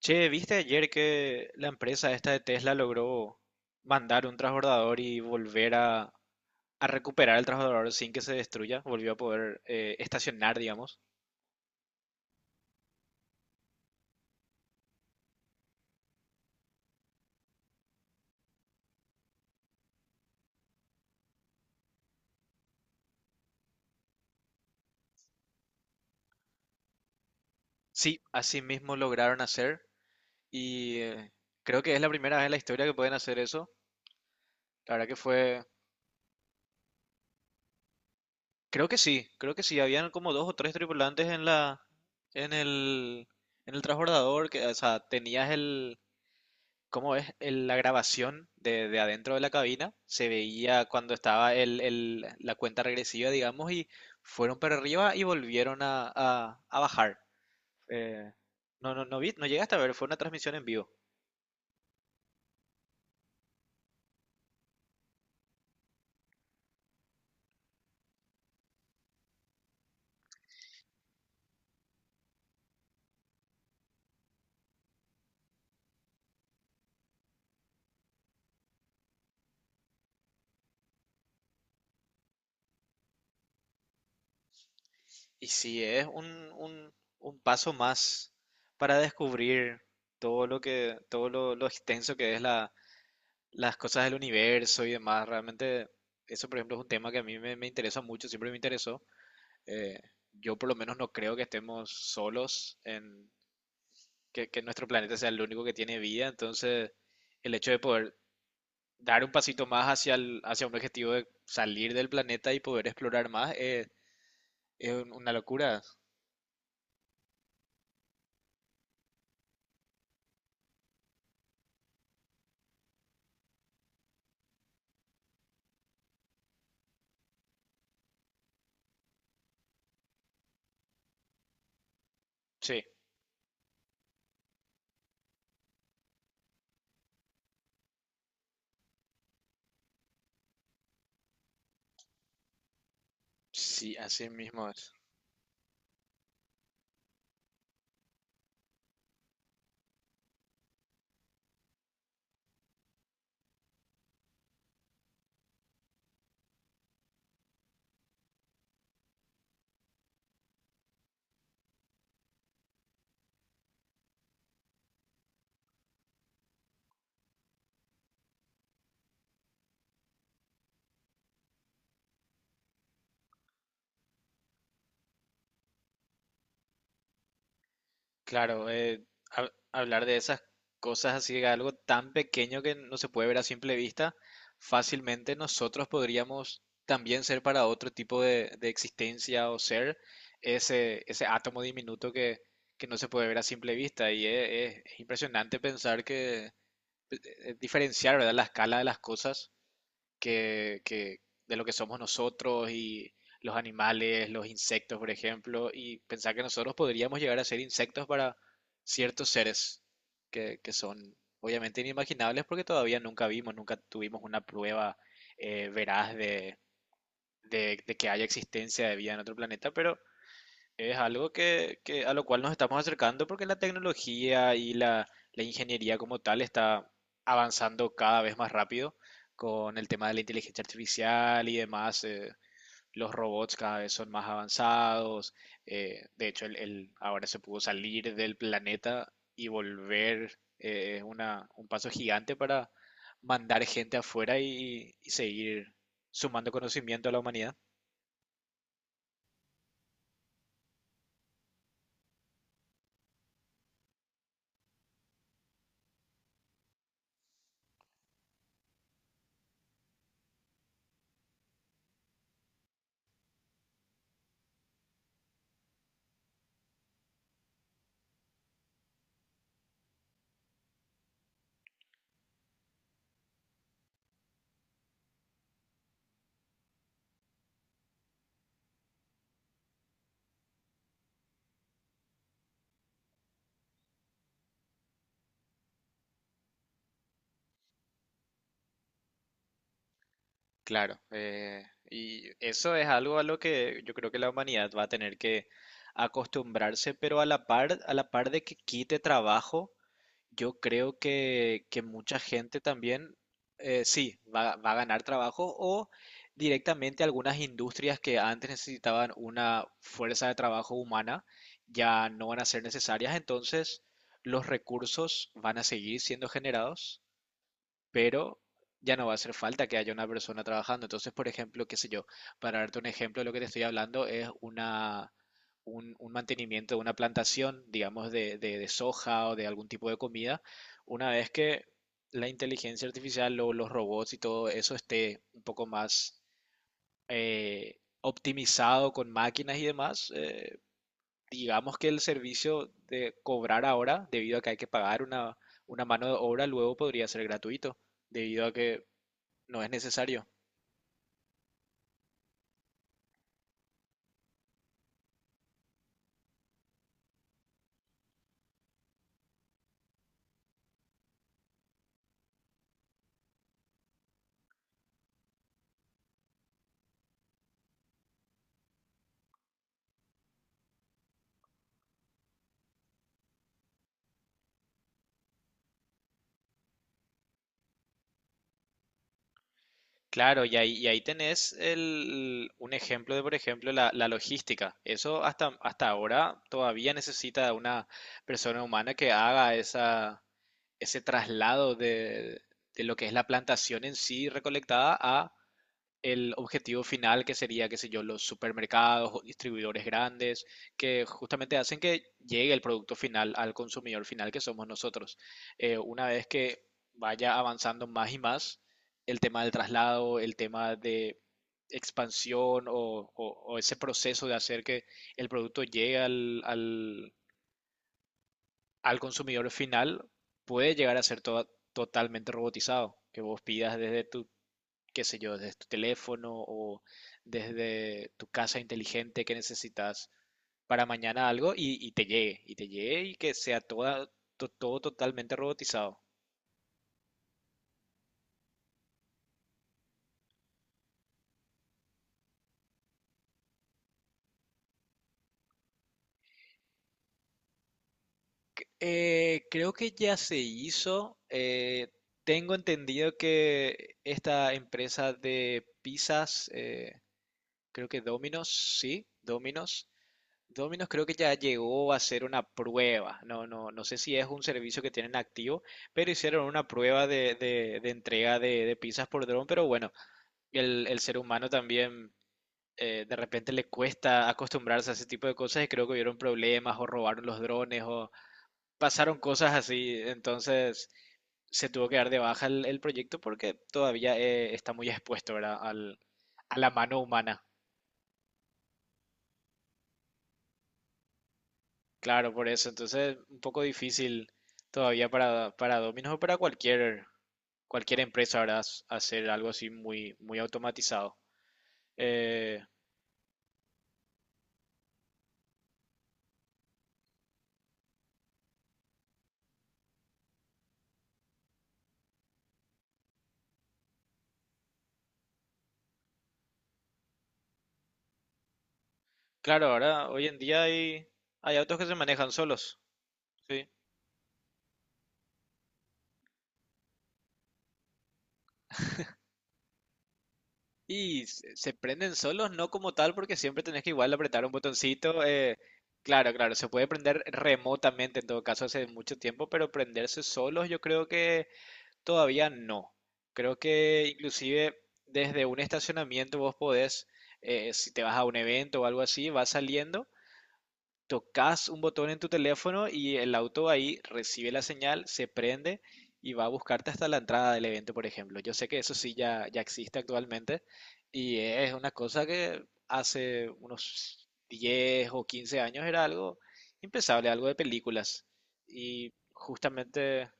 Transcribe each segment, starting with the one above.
Che, ¿viste ayer que la empresa esta de Tesla logró mandar un transbordador y volver a recuperar el transbordador sin que se destruya? Volvió a poder estacionar, digamos. Sí, así mismo lograron hacer y eh, creo que es la primera vez en la historia que pueden hacer eso. La verdad que fue, creo que sí, habían como dos o tres tripulantes en la, en el transbordador, que, o sea, tenías el, ¿cómo es la grabación de adentro de la cabina? Se veía cuando estaba el, la cuenta regresiva, digamos, y fueron para arriba y volvieron a, a bajar. Eh, no, no, no vi, no llegaste a ver, fue una transmisión en vivo. Y sí, es un, un- un paso más para descubrir todo lo lo extenso que es la, las cosas del universo y demás. Realmente, eso, por ejemplo, es un tema que a mí me interesa mucho, siempre me interesó. Eh, yo por lo menos no creo que estemos solos en que nuestro planeta sea el único que tiene vida. Entonces, el hecho de poder dar un pasito más hacia un objetivo de salir del planeta y poder explorar más es una locura. Sí, sí, así mismo es. Claro, hablar de esas cosas así, de algo tan pequeño que no se puede ver a simple vista, fácilmente nosotros podríamos también ser para otro tipo de existencia o ser ese átomo diminuto que no se puede ver a simple vista. Y es, es impresionante pensar diferenciar, ¿verdad?, la escala de las cosas que de lo que somos nosotros y los animales, los insectos, por ejemplo, y pensar que nosotros podríamos llegar a ser insectos para ciertos seres que son obviamente inimaginables porque todavía nunca vimos, nunca tuvimos una prueba veraz de que haya existencia de vida en otro planeta, pero es algo que a lo cual nos estamos acercando porque la tecnología y la ingeniería como tal está avanzando cada vez más rápido con el tema de la inteligencia artificial y demás. Los robots cada vez son más avanzados. De hecho, ahora se pudo salir del planeta y volver. Es un paso gigante para mandar gente afuera y seguir sumando conocimiento a la humanidad. Claro, y eso es algo a lo que yo creo que la humanidad va a tener que acostumbrarse, pero a la par de que quite trabajo, yo creo que mucha gente también, sí, va a ganar trabajo o directamente algunas industrias que antes necesitaban una fuerza de trabajo humana ya no van a ser necesarias, entonces los recursos van a seguir siendo generados pero ya no va a hacer falta que haya una persona trabajando. Entonces, por ejemplo, qué sé yo, para darte un ejemplo, lo que te estoy hablando es un mantenimiento de una plantación, digamos, de soja o de algún tipo de comida, una vez que la inteligencia artificial o los robots y todo eso esté un poco más optimizado con máquinas y demás, digamos que el servicio de cobrar ahora, debido a que hay que pagar una mano de obra, luego podría ser gratuito, debido a que no es necesario. Claro, y ahí tenés un ejemplo de, por ejemplo, la, logística. Eso hasta, hasta ahora todavía necesita de una persona humana que haga ese traslado de lo que es la plantación en sí recolectada a el objetivo final que sería, qué sé yo, los supermercados o distribuidores grandes que justamente hacen que llegue el producto final al consumidor final que somos nosotros. Una vez que vaya avanzando más y más, el tema del traslado, el tema de expansión o ese proceso de hacer que el producto llegue al consumidor final puede llegar a ser totalmente robotizado, que vos pidas desde tu qué sé yo, desde tu teléfono o desde tu casa inteligente que necesitas para mañana algo y te llegue, y que sea todo totalmente robotizado. Creo que ya se hizo. Tengo entendido que esta empresa de pizzas, creo que Domino's, sí, Domino's, creo que ya llegó a hacer una prueba. No, no, no sé si es un servicio que tienen activo, pero hicieron una prueba de entrega de pizzas por dron. Pero bueno, el ser humano también de repente le cuesta acostumbrarse a ese tipo de cosas y creo que hubieron problemas o robaron los drones o pasaron cosas así. Entonces se tuvo que dar de baja el proyecto porque todavía está muy expuesto, ¿verdad?, a la mano humana. Claro, por eso. Entonces, un poco difícil todavía para, Domino's o para cualquier, empresa, ¿verdad? Hacer algo así muy, muy automatizado. Eh, claro, ahora, hoy en día hay, autos que se manejan solos, ¿sí? Y se prenden solos, no como tal, porque siempre tenés que igual apretar un botoncito. Claro, claro, se puede prender remotamente en todo caso hace mucho tiempo, pero prenderse solos yo creo que todavía no. Creo que inclusive desde un estacionamiento vos podés, si te vas a un evento o algo así, vas saliendo, tocas un botón en tu teléfono y el auto ahí recibe la señal, se prende y va a buscarte hasta la entrada del evento, por ejemplo. Yo sé que eso sí ya existe actualmente y es una cosa que hace unos 10 o 15 años era algo impensable, algo de películas. Y justamente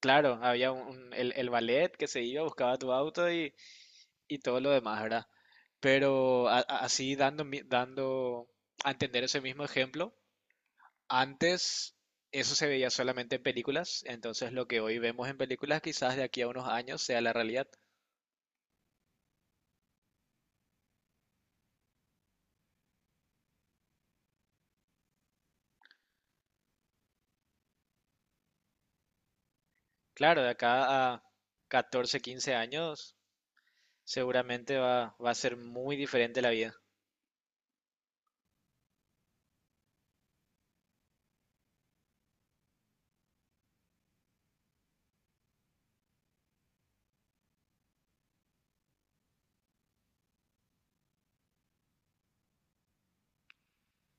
claro, había el ballet que se iba, buscaba tu auto y todo lo demás, ¿verdad? Pero así dando, dando a entender ese mismo ejemplo, antes eso se veía solamente en películas, entonces lo que hoy vemos en películas quizás de aquí a unos años sea la realidad. Claro, de acá a 14 15 años seguramente va a ser muy diferente la vida.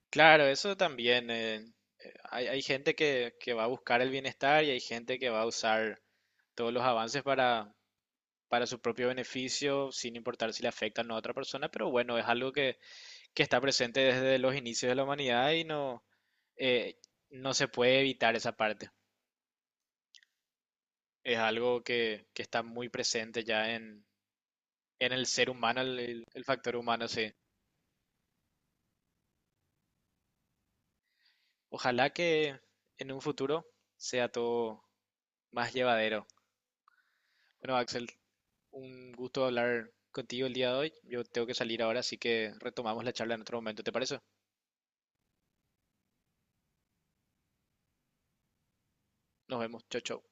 Claro, eso también. Hay, gente que va a buscar el bienestar y hay gente que va a usar todos los avances para, su propio beneficio, sin importar si le afectan a otra persona, pero bueno, es algo que, está presente desde los inicios de la humanidad y no, eh, no se puede evitar esa parte. Es algo que está muy presente ya en el ser humano, el factor humano, sí. Ojalá que en un futuro sea todo más llevadero. Bueno, Axel, un gusto hablar contigo el día de hoy. Yo tengo que salir ahora, así que retomamos la charla en otro momento, ¿te parece? Nos vemos. Chau, chau.